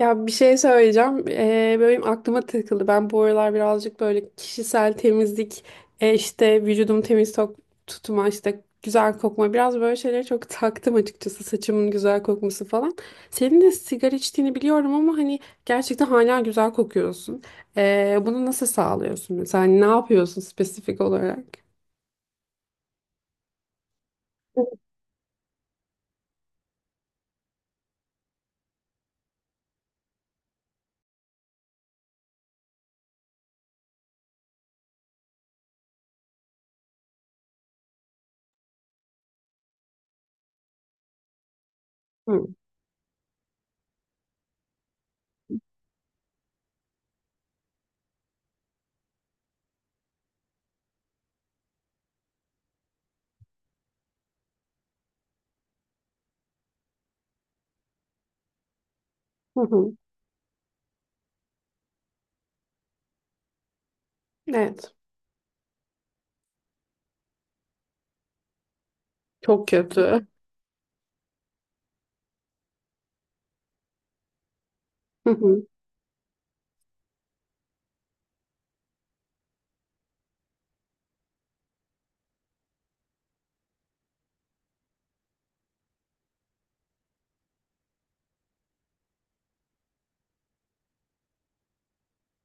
Ya bir şey söyleyeceğim. Böyle benim aklıma takıldı. Ben bu aralar birazcık böyle kişisel temizlik, işte vücudumu temiz tutma, işte güzel kokma, biraz böyle şeylere çok taktım açıkçası. Saçımın güzel kokması falan. Senin de sigara içtiğini biliyorum, ama hani gerçekten hala güzel kokuyorsun. Bunu nasıl sağlıyorsun mesela? Hani ne yapıyorsun spesifik olarak? Hı. Hı hı. Evet. Çok kötü. Hı hı.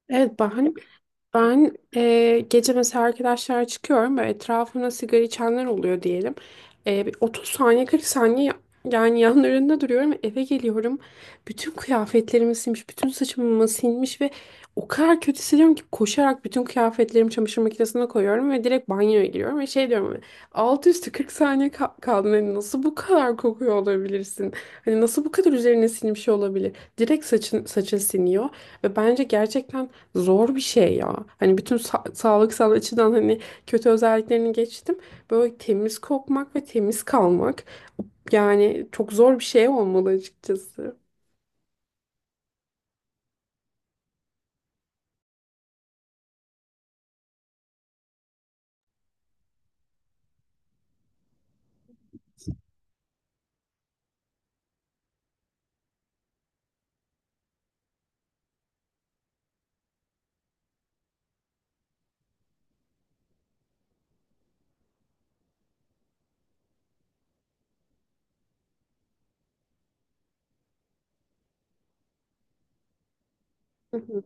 Evet, bahane. Ben gece mesela arkadaşlar çıkıyorum ve etrafımda sigara içenler oluyor diyelim. Bir 30 saniye, 40 saniye yani yanlarında duruyorum ve eve geliyorum. Bütün kıyafetlerimi silmiş, bütün saçımı silmiş ve o kadar kötü hissediyorum ki koşarak bütün kıyafetlerimi çamaşır makinesine koyuyorum ve direkt banyoya giriyorum ve şey diyorum, hani altı üstü 40 saniye kaldın, hani nasıl bu kadar kokuyor olabilirsin? Hani nasıl bu kadar üzerine silmiş olabilir? Direkt saçın siniyor. Ve bence gerçekten zor bir şey ya. Hani bütün sağlıksal açıdan hani kötü özelliklerini geçtim. Böyle temiz kokmak ve temiz kalmak yani çok zor bir şey olmalı açıkçası. Hı hı.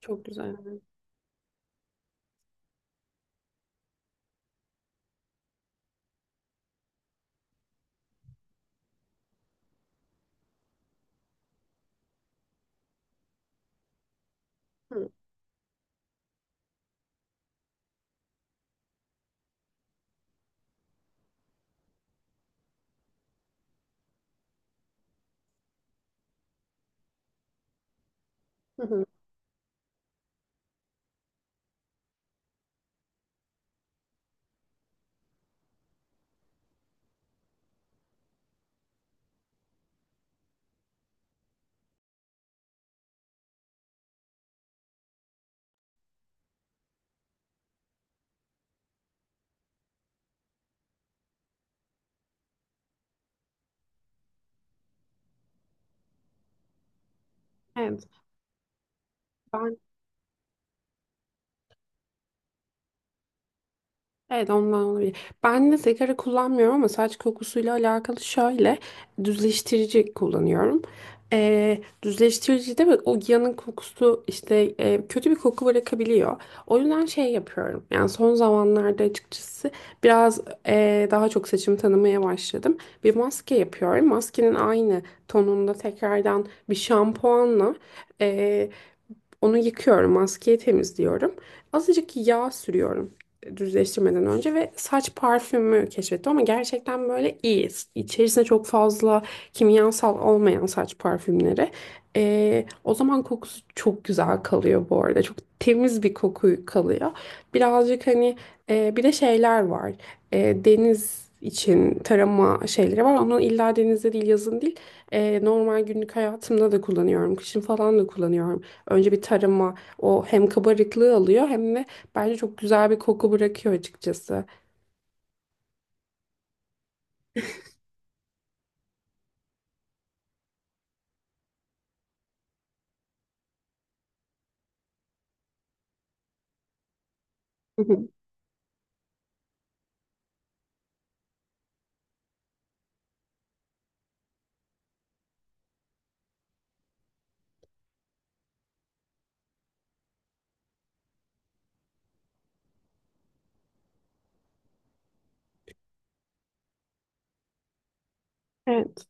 Çok güzel. Hı hı. Evet. Evet, ondan olabilir. Ben de sigara kullanmıyorum ama saç kokusuyla alakalı şöyle düzleştirici kullanıyorum. Düzleştirici de o yanın kokusu işte kötü bir koku bırakabiliyor. O yüzden şey yapıyorum. Yani son zamanlarda açıkçası biraz daha çok saçımı tanımaya başladım. Bir maske yapıyorum. Maskenin aynı tonunda tekrardan bir şampuanla onu yıkıyorum, maskeyi temizliyorum. Azıcık yağ sürüyorum düzleştirmeden önce ve saç parfümü keşfettim, ama gerçekten böyle iyi. İçerisinde çok fazla kimyasal olmayan saç parfümleri. O zaman kokusu çok güzel kalıyor bu arada. Çok temiz bir koku kalıyor. Birazcık hani bir de şeyler var. Deniz için tarama şeyleri var. Onu illa denizde değil, yazın değil. Normal günlük hayatımda da kullanıyorum. Kışın falan da kullanıyorum. Önce bir tarıma, o hem kabarıklığı alıyor hem de bence çok güzel bir koku bırakıyor açıkçası. Hı hı. Evet.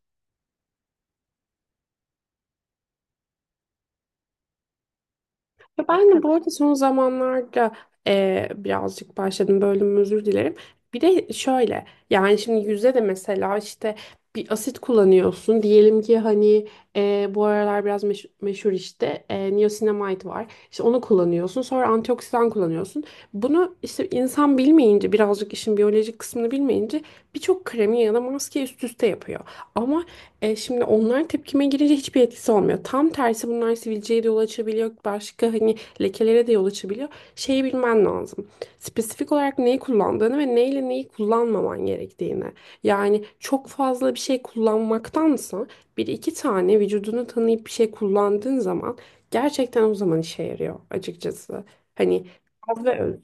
Ya ben de bu arada son zamanlarda birazcık başladım, bölüm özür dilerim. Bir de şöyle, yani şimdi yüzde de mesela işte bir asit kullanıyorsun. Diyelim ki hani, bu aralar biraz meşhur işte niacinamide var. İşte onu kullanıyorsun, sonra antioksidan kullanıyorsun. Bunu işte insan bilmeyince, birazcık işin biyolojik kısmını bilmeyince, birçok kremi ya da maske üst üste yapıyor. Ama şimdi onlar tepkime girince hiçbir etkisi olmuyor. Tam tersi, bunlar sivilceye de yol açabiliyor. Başka hani lekelere de yol açabiliyor. Şeyi bilmen lazım. Spesifik olarak neyi kullandığını ve neyle neyi kullanmaman gerektiğini. Yani çok fazla bir şey kullanmaktansa bir iki tane vücudunu tanıyıp bir şey kullandığın zaman, gerçekten o zaman işe yarıyor açıkçası. Hani az ve öz.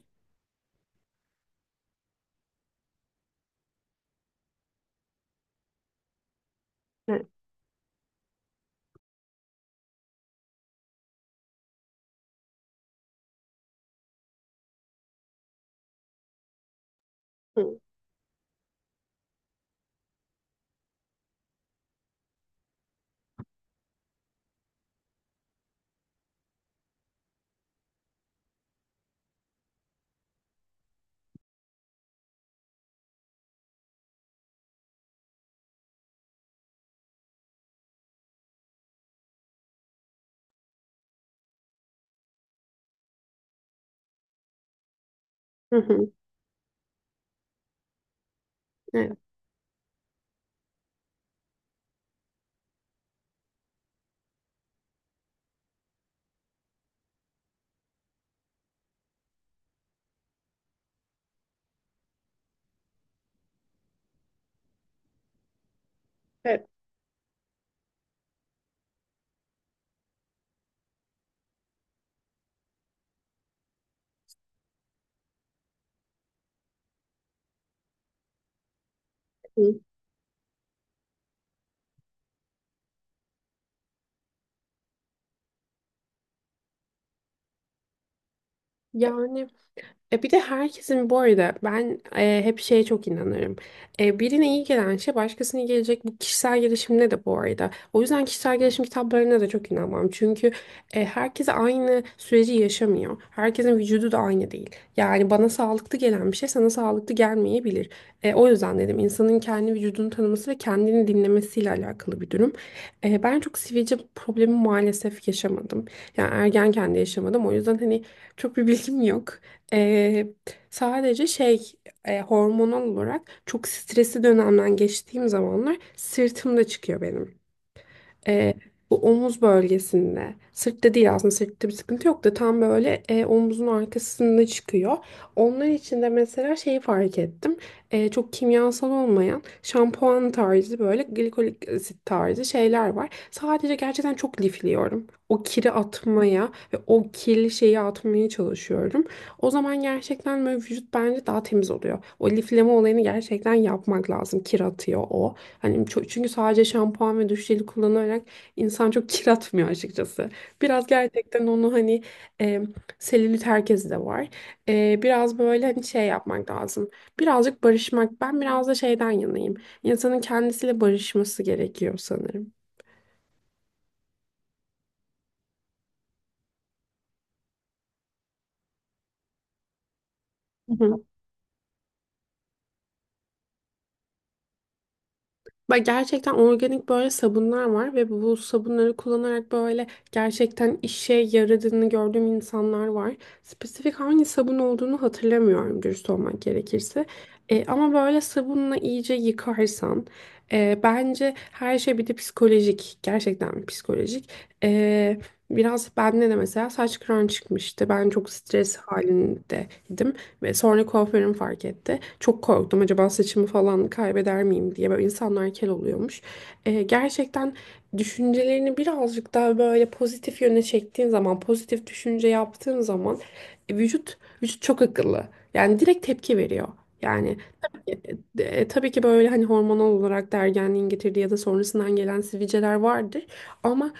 Hı hı. Hı. Hı. Evet. Evet. Yani, bir de herkesin bu arada, ben hep şeye çok inanırım. Birine iyi gelen şey başkasına gelecek. Bu kişisel gelişimde de bu arada. O yüzden kişisel gelişim kitaplarına da çok inanmam. Çünkü herkes aynı süreci yaşamıyor. Herkesin vücudu da aynı değil. Yani bana sağlıklı gelen bir şey sana sağlıklı gelmeyebilir. O yüzden dedim, insanın kendi vücudunu tanıması ve kendini dinlemesiyle alakalı bir durum. Ben çok sivilce problemi maalesef yaşamadım. Yani ergenken de yaşamadım. O yüzden hani çok bir bilgim yok. Ee, Sadece şey, hormonal olarak çok stresli dönemden geçtiğim zamanlar sırtımda çıkıyor benim. Ee, Bu omuz bölgesinde. Sırtta değil, aslında sırtta bir sıkıntı yok da tam böyle omuzun arkasında çıkıyor. Onlar için de mesela şeyi fark ettim. Çok kimyasal olmayan şampuan tarzı, böyle glikolik asit tarzı şeyler var. Sadece gerçekten çok lifliyorum. O kiri atmaya ve o kirli şeyi atmaya çalışıyorum. O zaman gerçekten böyle vücut bence daha temiz oluyor. O lifleme olayını gerçekten yapmak lazım. Kir atıyor o. Hani çünkü sadece şampuan ve duş jeli kullanarak insan çok kir atmıyor açıkçası. Biraz gerçekten onu hani e, selülit herkesi de var. Biraz böyle hani şey yapmak lazım. Birazcık barışmak. Ben biraz da şeyden yanayım. İnsanın kendisiyle barışması gerekiyor sanırım. Bak, gerçekten organik böyle sabunlar var ve bu sabunları kullanarak böyle gerçekten işe yaradığını gördüğüm insanlar var. Spesifik hangi sabun olduğunu hatırlamıyorum, dürüst olmak gerekirse. Ama böyle sabunla iyice yıkarsan, bence her şey bir de psikolojik. Gerçekten psikolojik. E, Biraz bende de mesela saç kıran çıkmıştı. Ben çok stres halindeydim. Ve sonra kuaförüm fark etti. Çok korktum, acaba saçımı falan kaybeder miyim diye. Böyle insanlar kel oluyormuş. Gerçekten düşüncelerini birazcık daha böyle pozitif yöne çektiğin zaman, pozitif düşünce yaptığın zaman, e, vücut vücut çok akıllı. Yani direkt tepki veriyor. Yani, e, tabii ki böyle hani hormonal olarak da ergenliğin getirdiği ya da sonrasından gelen sivilceler vardır. Ama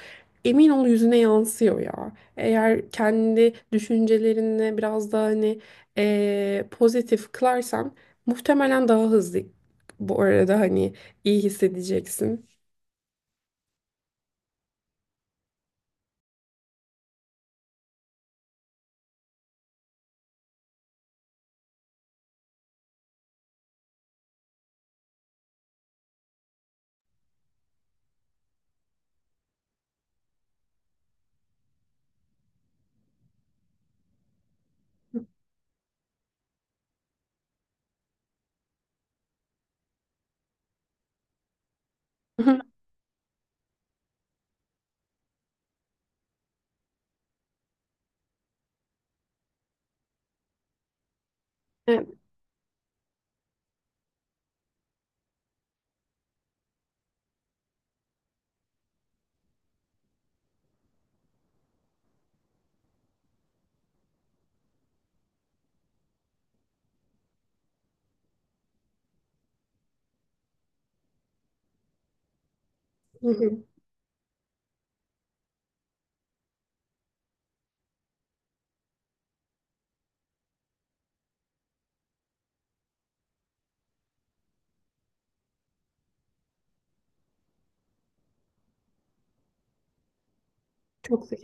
emin ol, yüzüne yansıyor ya. Eğer kendi düşüncelerini biraz daha hani pozitif kılarsan, muhtemelen daha hızlı bu arada hani iyi hissedeceksin. Evet. Hı hı. Çok sık.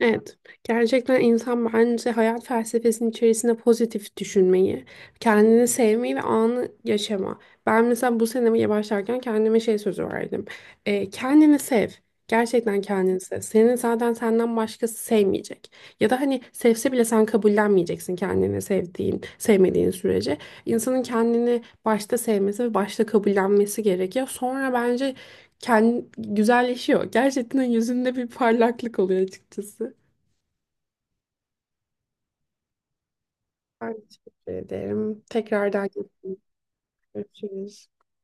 Evet, gerçekten insan bence hayat felsefesinin içerisinde pozitif düşünmeyi, kendini sevmeyi ve anı yaşama. Ben mesela bu senemi başlarken kendime şey sözü verdim. Kendini sev. Gerçekten kendini sev. Senin zaten senden başkası sevmeyecek. Ya da hani sevse bile sen kabullenmeyeceksin, kendini sevdiğin, sevmediğin sürece. İnsanın kendini başta sevmesi ve başta kabullenmesi gerekiyor. Sonra bence kendi güzelleşiyor. Gerçekten yüzünde bir parlaklık oluyor açıkçası. Ben teşekkür ederim. Tekrardan görüşürüz.